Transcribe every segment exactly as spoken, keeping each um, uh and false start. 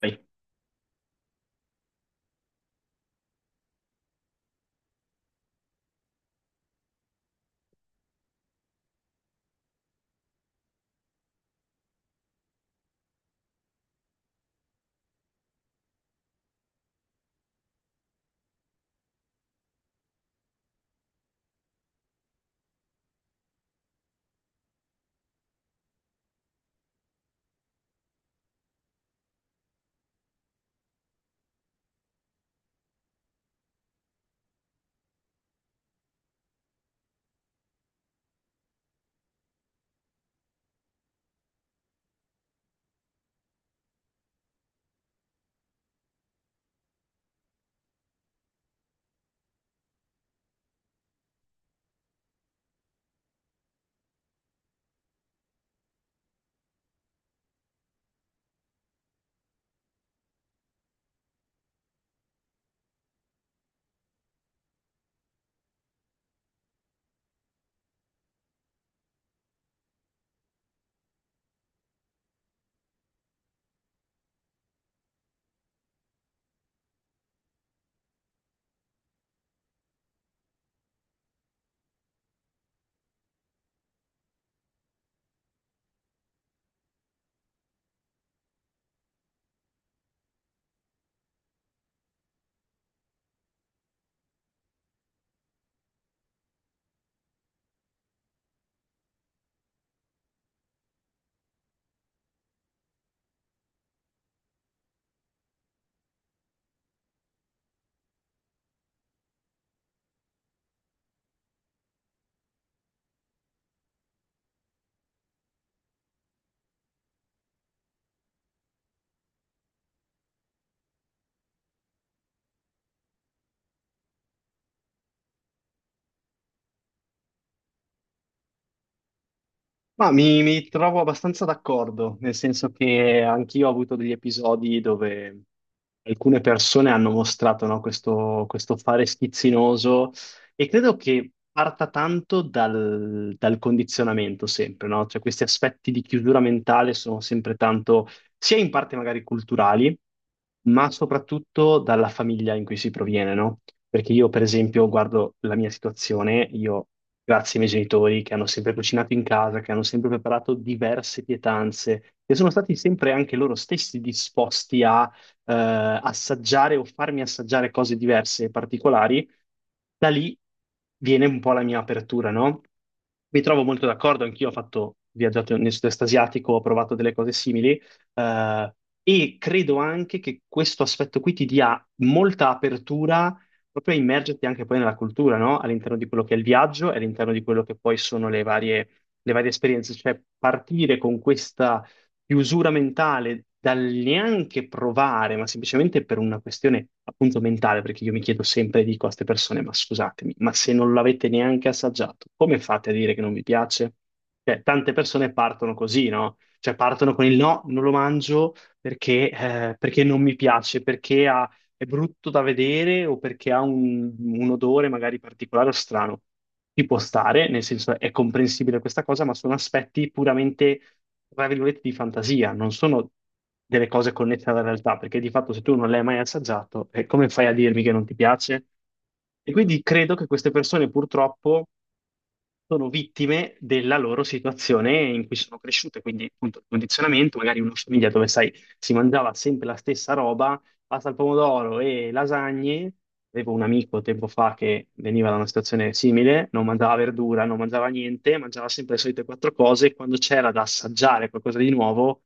Vai. Ma mi, mi trovo abbastanza d'accordo, nel senso che anch'io ho avuto degli episodi dove alcune persone hanno mostrato, no, questo, questo fare schizzinoso e credo che parta tanto dal, dal condizionamento sempre, no? Cioè questi aspetti di chiusura mentale sono sempre tanto, sia in parte magari culturali, ma soprattutto dalla famiglia in cui si proviene, no? Perché io, per esempio, guardo la mia situazione, io grazie ai miei genitori che hanno sempre cucinato in casa, che hanno sempre preparato diverse pietanze, che sono stati sempre anche loro stessi disposti a eh, assaggiare o farmi assaggiare cose diverse e particolari, da lì viene un po' la mia apertura, no? Mi trovo molto d'accordo, anch'io ho fatto viaggiato nel sud-est asiatico, ho provato delle cose simili, eh, e credo anche che questo aspetto qui ti dia molta apertura proprio immergerti anche poi nella cultura, no? All'interno di quello che è il viaggio e all'interno di quello che poi sono le varie, le varie esperienze, cioè partire con questa chiusura mentale dal neanche provare, ma semplicemente per una questione appunto mentale, perché io mi chiedo sempre, dico a queste persone, ma scusatemi, ma se non l'avete neanche assaggiato, come fate a dire che non vi piace? Cioè, tante persone partono così, no? Cioè partono con il no, non lo mangio perché, eh, perché non mi piace, perché ha è brutto da vedere o perché ha un, un odore magari particolare o strano. Ci può stare, nel senso è comprensibile questa cosa, ma sono aspetti puramente, tra virgolette, di fantasia, non sono delle cose connesse alla realtà, perché di fatto se tu non l'hai mai assaggiato, eh, come fai a dirmi che non ti piace? E quindi credo che queste persone purtroppo sono vittime della loro situazione in cui sono cresciute, quindi appunto il condizionamento, magari una famiglia dove sai, si mangiava sempre la stessa roba, pasta al pomodoro e lasagne. Avevo un amico tempo fa che veniva da una situazione simile, non mangiava verdura, non mangiava niente, mangiava sempre le solite quattro cose e quando c'era da assaggiare qualcosa di nuovo,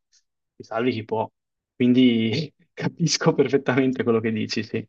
ti salvi chi può. Quindi capisco perfettamente quello che dici, sì.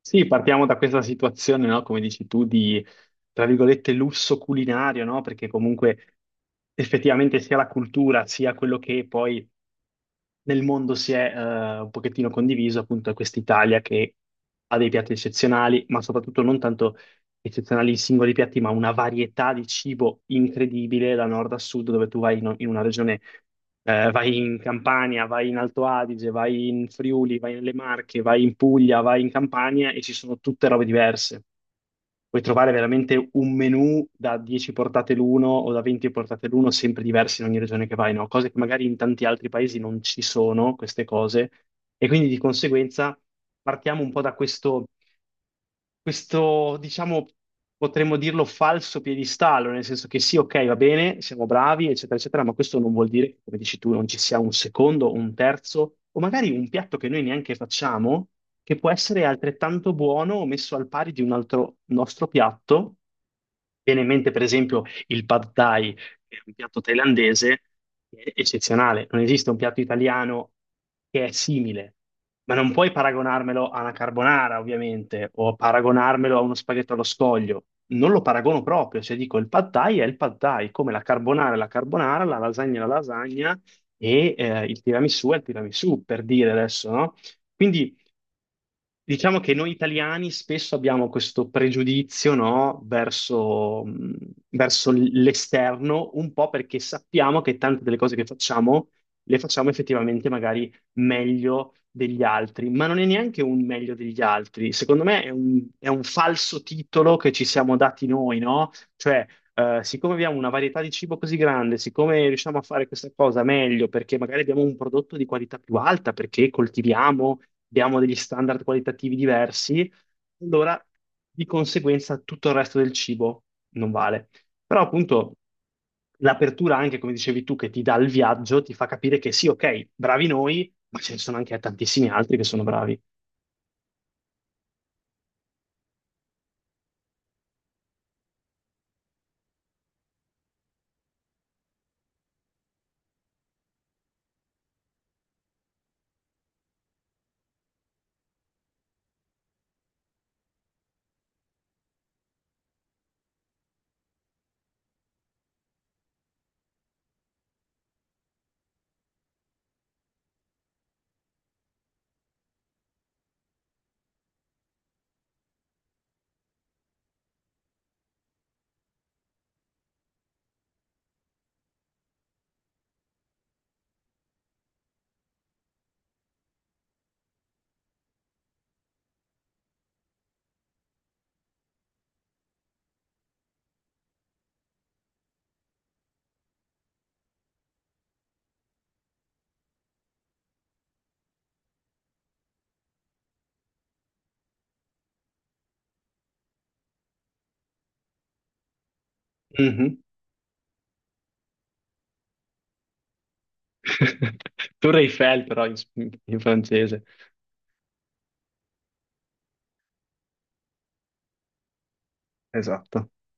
Sì, partiamo da questa situazione, no? Come dici tu, di, tra virgolette, lusso culinario, no? Perché comunque effettivamente sia la cultura, sia quello che poi nel mondo si è eh, un pochettino condiviso, appunto, è quest'Italia che ha dei piatti eccezionali, ma soprattutto non tanto eccezionali i singoli piatti, ma una varietà di cibo incredibile da nord a sud, dove tu vai in, in una regione, eh, vai in Campania, vai in Alto Adige, vai in Friuli, vai nelle Marche, vai in Puglia, vai in Campania e ci sono tutte robe diverse. Puoi trovare veramente un menù da dieci portate l'uno o da venti portate l'uno, sempre diversi in ogni regione che vai, no? Cose che magari in tanti altri paesi non ci sono, queste cose, e quindi di conseguenza partiamo un po' da questo questo, diciamo, potremmo dirlo falso piedistallo, nel senso che sì, ok, va bene, siamo bravi, eccetera, eccetera, ma questo non vuol dire che, come dici tu, non ci sia un secondo, un terzo, o magari un piatto che noi neanche facciamo, che può essere altrettanto buono o messo al pari di un altro nostro piatto. Viene in mente, per esempio, il pad thai che è un piatto thailandese che è eccezionale. Non esiste un piatto italiano che è simile, ma non puoi paragonarmelo a una carbonara, ovviamente, o paragonarmelo a uno spaghetto allo scoglio. Non lo paragono proprio, cioè dico il pad thai è il pad thai, come la carbonara è la carbonara, la lasagna è la lasagna e eh, il tiramisù è il tiramisù, per dire adesso, no? Quindi diciamo che noi italiani spesso abbiamo questo pregiudizio, no, verso, mh, verso l'esterno, un po' perché sappiamo che tante delle cose che facciamo le facciamo effettivamente magari meglio degli altri, ma non è neanche un meglio degli altri. Secondo me è un, è un falso titolo che ci siamo dati noi, no? Cioè, eh, siccome abbiamo una varietà di cibo così grande, siccome riusciamo a fare questa cosa meglio, perché magari abbiamo un prodotto di qualità più alta, perché coltiviamo, abbiamo degli standard qualitativi diversi, allora di conseguenza tutto il resto del cibo non vale. Però appunto l'apertura anche, come dicevi tu, che ti dà il viaggio, ti fa capire che sì, ok, bravi noi, ma ce ne sono anche tantissimi altri che sono bravi. Mhm. Tour Eiffel, però in, in francese. Esatto.